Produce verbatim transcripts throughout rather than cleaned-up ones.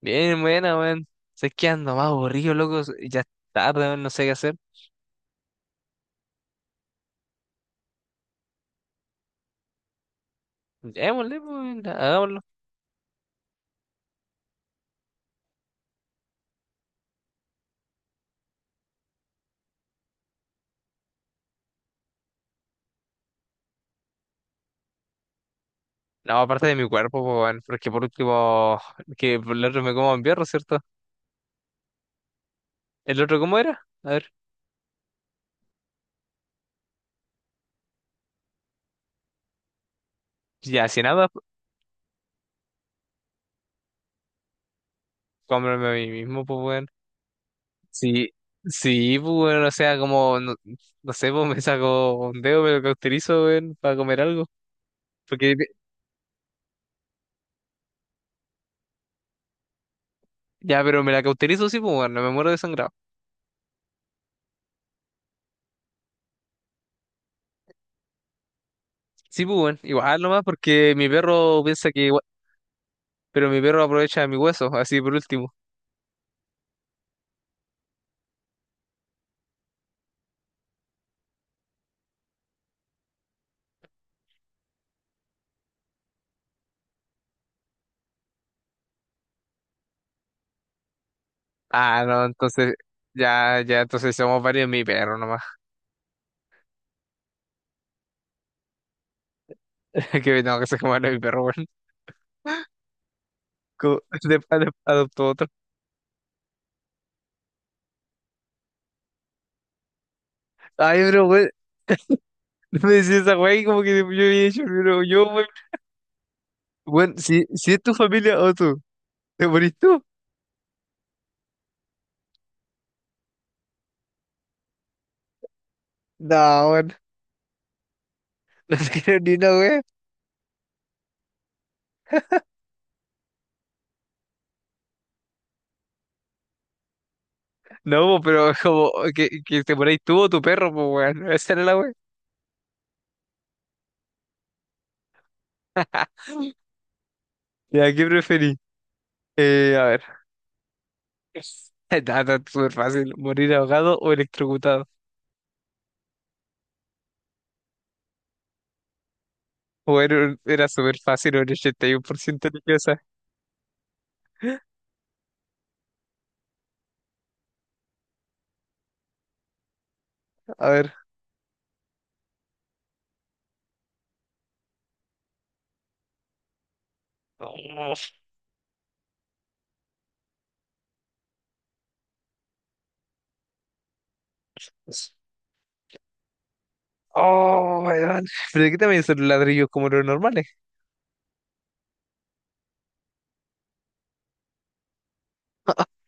Bien, buena, weón. Sé que ando más aburrido, loco. Ya es tarde, weón, no sé qué hacer. Démosle, pues, weón, hagámoslo. No, aparte de mi cuerpo, pues, weón, porque por último, que por el otro me como en perro, ¿cierto? ¿El otro cómo era? A ver, ya, si nada, cómprame a mí mismo, pues, weón. Sí, sí, pues, weón, o sea, como, no, no sé, pues, me saco un dedo, me lo cauterizo, weón, para comer algo. Porque, ya, pero me la cauterizo, sí, pues, weón, no me muero de sangrado. Sí, pues, bueno, igual nomás porque mi perro piensa que igual- Pero mi perro aprovecha de mi hueso, así por último. Ah, no, entonces, ya, ya, entonces somos varios de mi perro nomás. Que tengo que sacar de mi perro, weón. Como, de- ade- adoptó otro. Ay, pero, weón, no me decís esa weá y como que yo había hecho, pero yo, weón. Weón, si, si es tu familia o tú, ¿te morís tú? No, weón, no te creo ni una weá. No, po, pero es como que, que te morís tú o tu perro, pues, weón. Esa era la weá. Ya, ¿qué preferís? Eh, a ver. Nada, súper fácil, morir ahogado o electrocutado. Bueno, era era súper fácil, un ochenta y uno por ciento limpieza. A ver. Oh, oh, weón. ¿Pero qué también son ladrillos como los normales?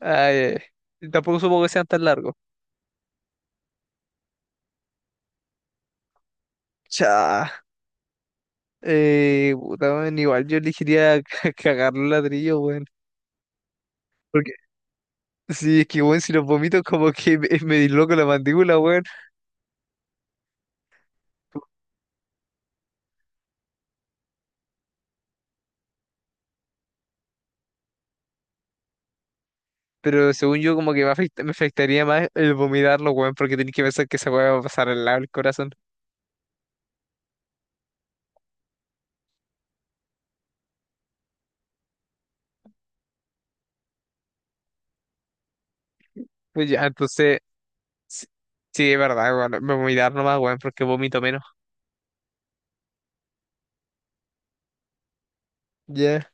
Ay, ay, tampoco supongo que sean tan largos. Cha. Eh, puta, weón, igual yo elegiría ca- cagar los ladrillos, weón. Porque sí es que, weón, si los vomito, como que me, me disloco la mandíbula, weón. Pero según yo, como que me, afecta- me afectaría más el vomitarlo, weón, porque tenés que pensar que esa weá va a pasar al lado del corazón. Pues ya, entonces sí, sí, es verdad, bueno, me voy a dar nomás, weón, porque vomito menos. Ya.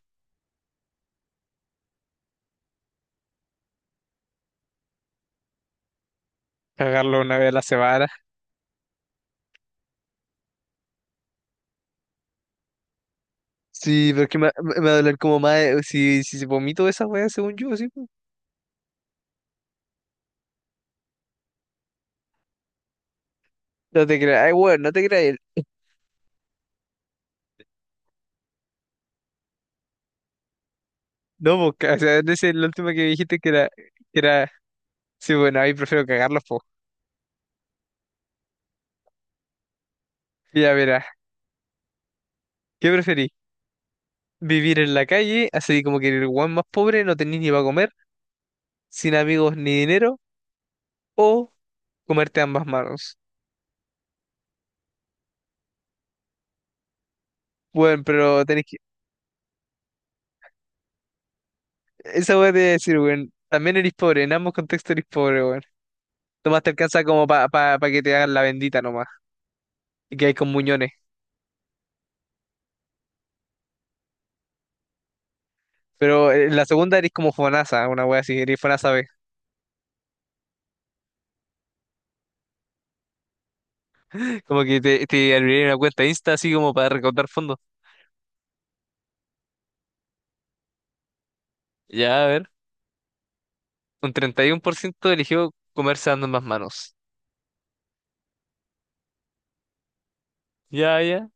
Cagarlo una vez a la semana. Sí, pero es que me, me- me va a doler como más eh, si, si vomito esa weá, según yo, sí, po. No te creas, ay, weón, no te creas. No, porque, o sea, ese es el último que dijiste que era, que era, sí, bueno, ahí prefiero cagarlos, po. Ya verás, ¿qué preferís? ¿Vivir en la calle, así como que el weón más pobre, no tenés ni para comer, sin amigos ni dinero, o comerte ambas manos? Bueno, pero tenés que... Esa voy a decir, weón. También eres pobre, en ambos contextos eres pobre, weón. Tomás te alcanza como para pa, pa pa que te hagan la bendita nomás. Y que hay con muñones. Pero eh, en la segunda eres como Fonasa, una wea así, eres Fonasa B. Como que te, te abrirían una cuenta Insta así como para recaudar fondos. Ya, a ver. Un treinta y uno por ciento eligió comerse dando más manos. Ya, ya.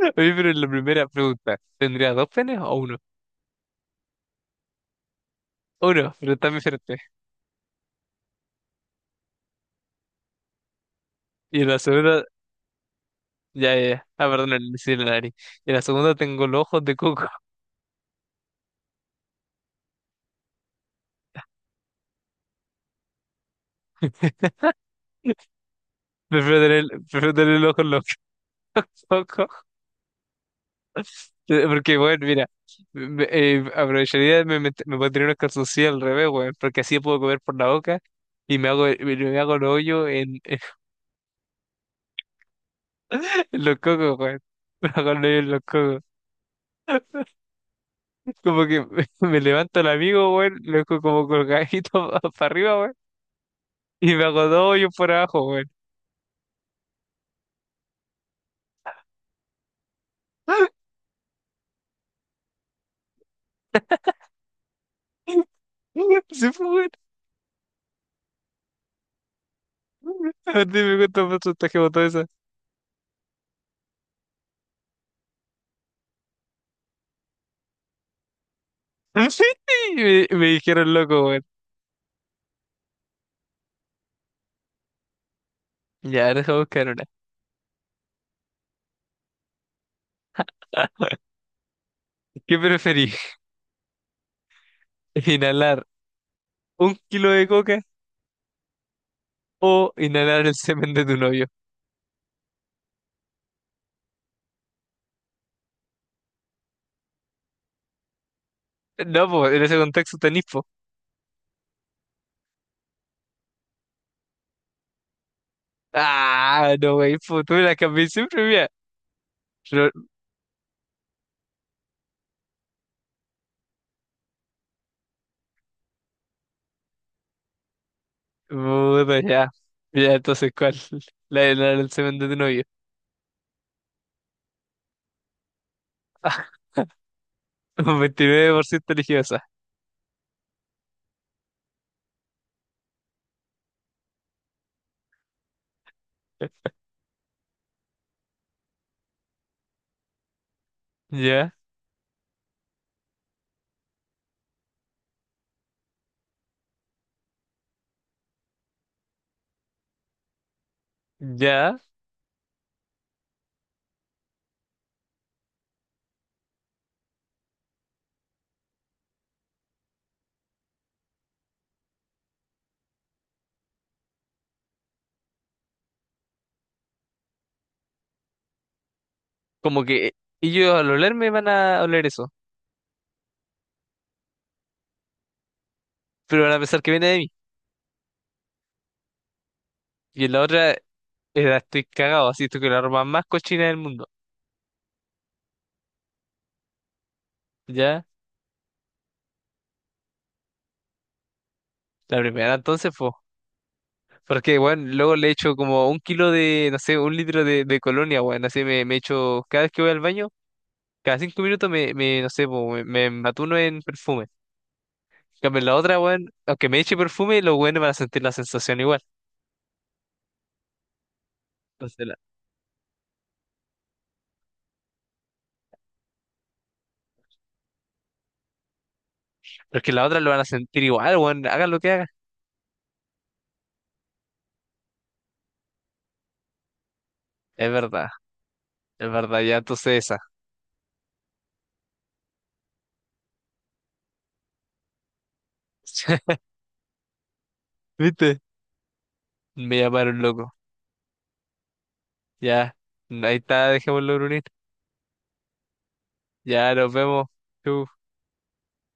Oye, pero en la primera pregunta, ¿tendrías dos penes o uno? Uno, pero está muy fuerte. Y en la segunda, ya, ya, ya. Ah, perdón, le hice la nariz. Y en la segunda tengo los ojos de coco. Prefiero tener, prefiero tener el ojo loco, loco. Eh, porque, bueno, mira, me- eh, aprovecharía, me, met- me pondría unos calzoncillos al revés, weón, porque así puedo comer por la boca y me hago, me, me hago el hoyo en, en los cocos, weón. Me hago el hoyo en los cocos. Como que me, me levanto el amigo, weón, lo dejo como colgadito para arriba, weón, y me hago dos hoyos por abajo, weón. Sí, fue, weón. A ti me gusta más chantaje botón esa. Y me, me dijeron loco. Ya, deja buscar una. ¿Qué preferís? ¿Inhalar un kilo de coca o inhalar el semen de tu novio? No, pues en ese contexto tenís, po. Ah, no, wey, po, tú me la cambié siempre, mira. Pero, puta, ya. Ya, entonces, ¿cuál? La de inhalar el semen de tu novio. Un veintinueve por ciento religiosa. Ya, ya. Como que ellos al olerme van a oler eso, pero van a pensar que viene de mí. Y en la otra, eh, la estoy cagado, así esto que la ropa más cochina del mundo. Ya. La primera entonces, pues. Porque, bueno, luego le echo como un kilo de, no sé, un litro de, de colonia, bueno, así me, me echo, cada vez que voy al baño, cada cinco minutos me, me no sé, po, me, me matuno en perfume. En cambio, la otra, bueno, aunque me eche perfume, los buenos van a sentir la sensación igual. Entonces, la, porque la otra lo van a sentir igual, bueno, hagan lo que hagan. Es verdad, es verdad, ya entonces esa. ¿Viste? Me llamaron loco. Ya, ahí está, dejémoslo, Brunito. Ya, nos vemos. Chau.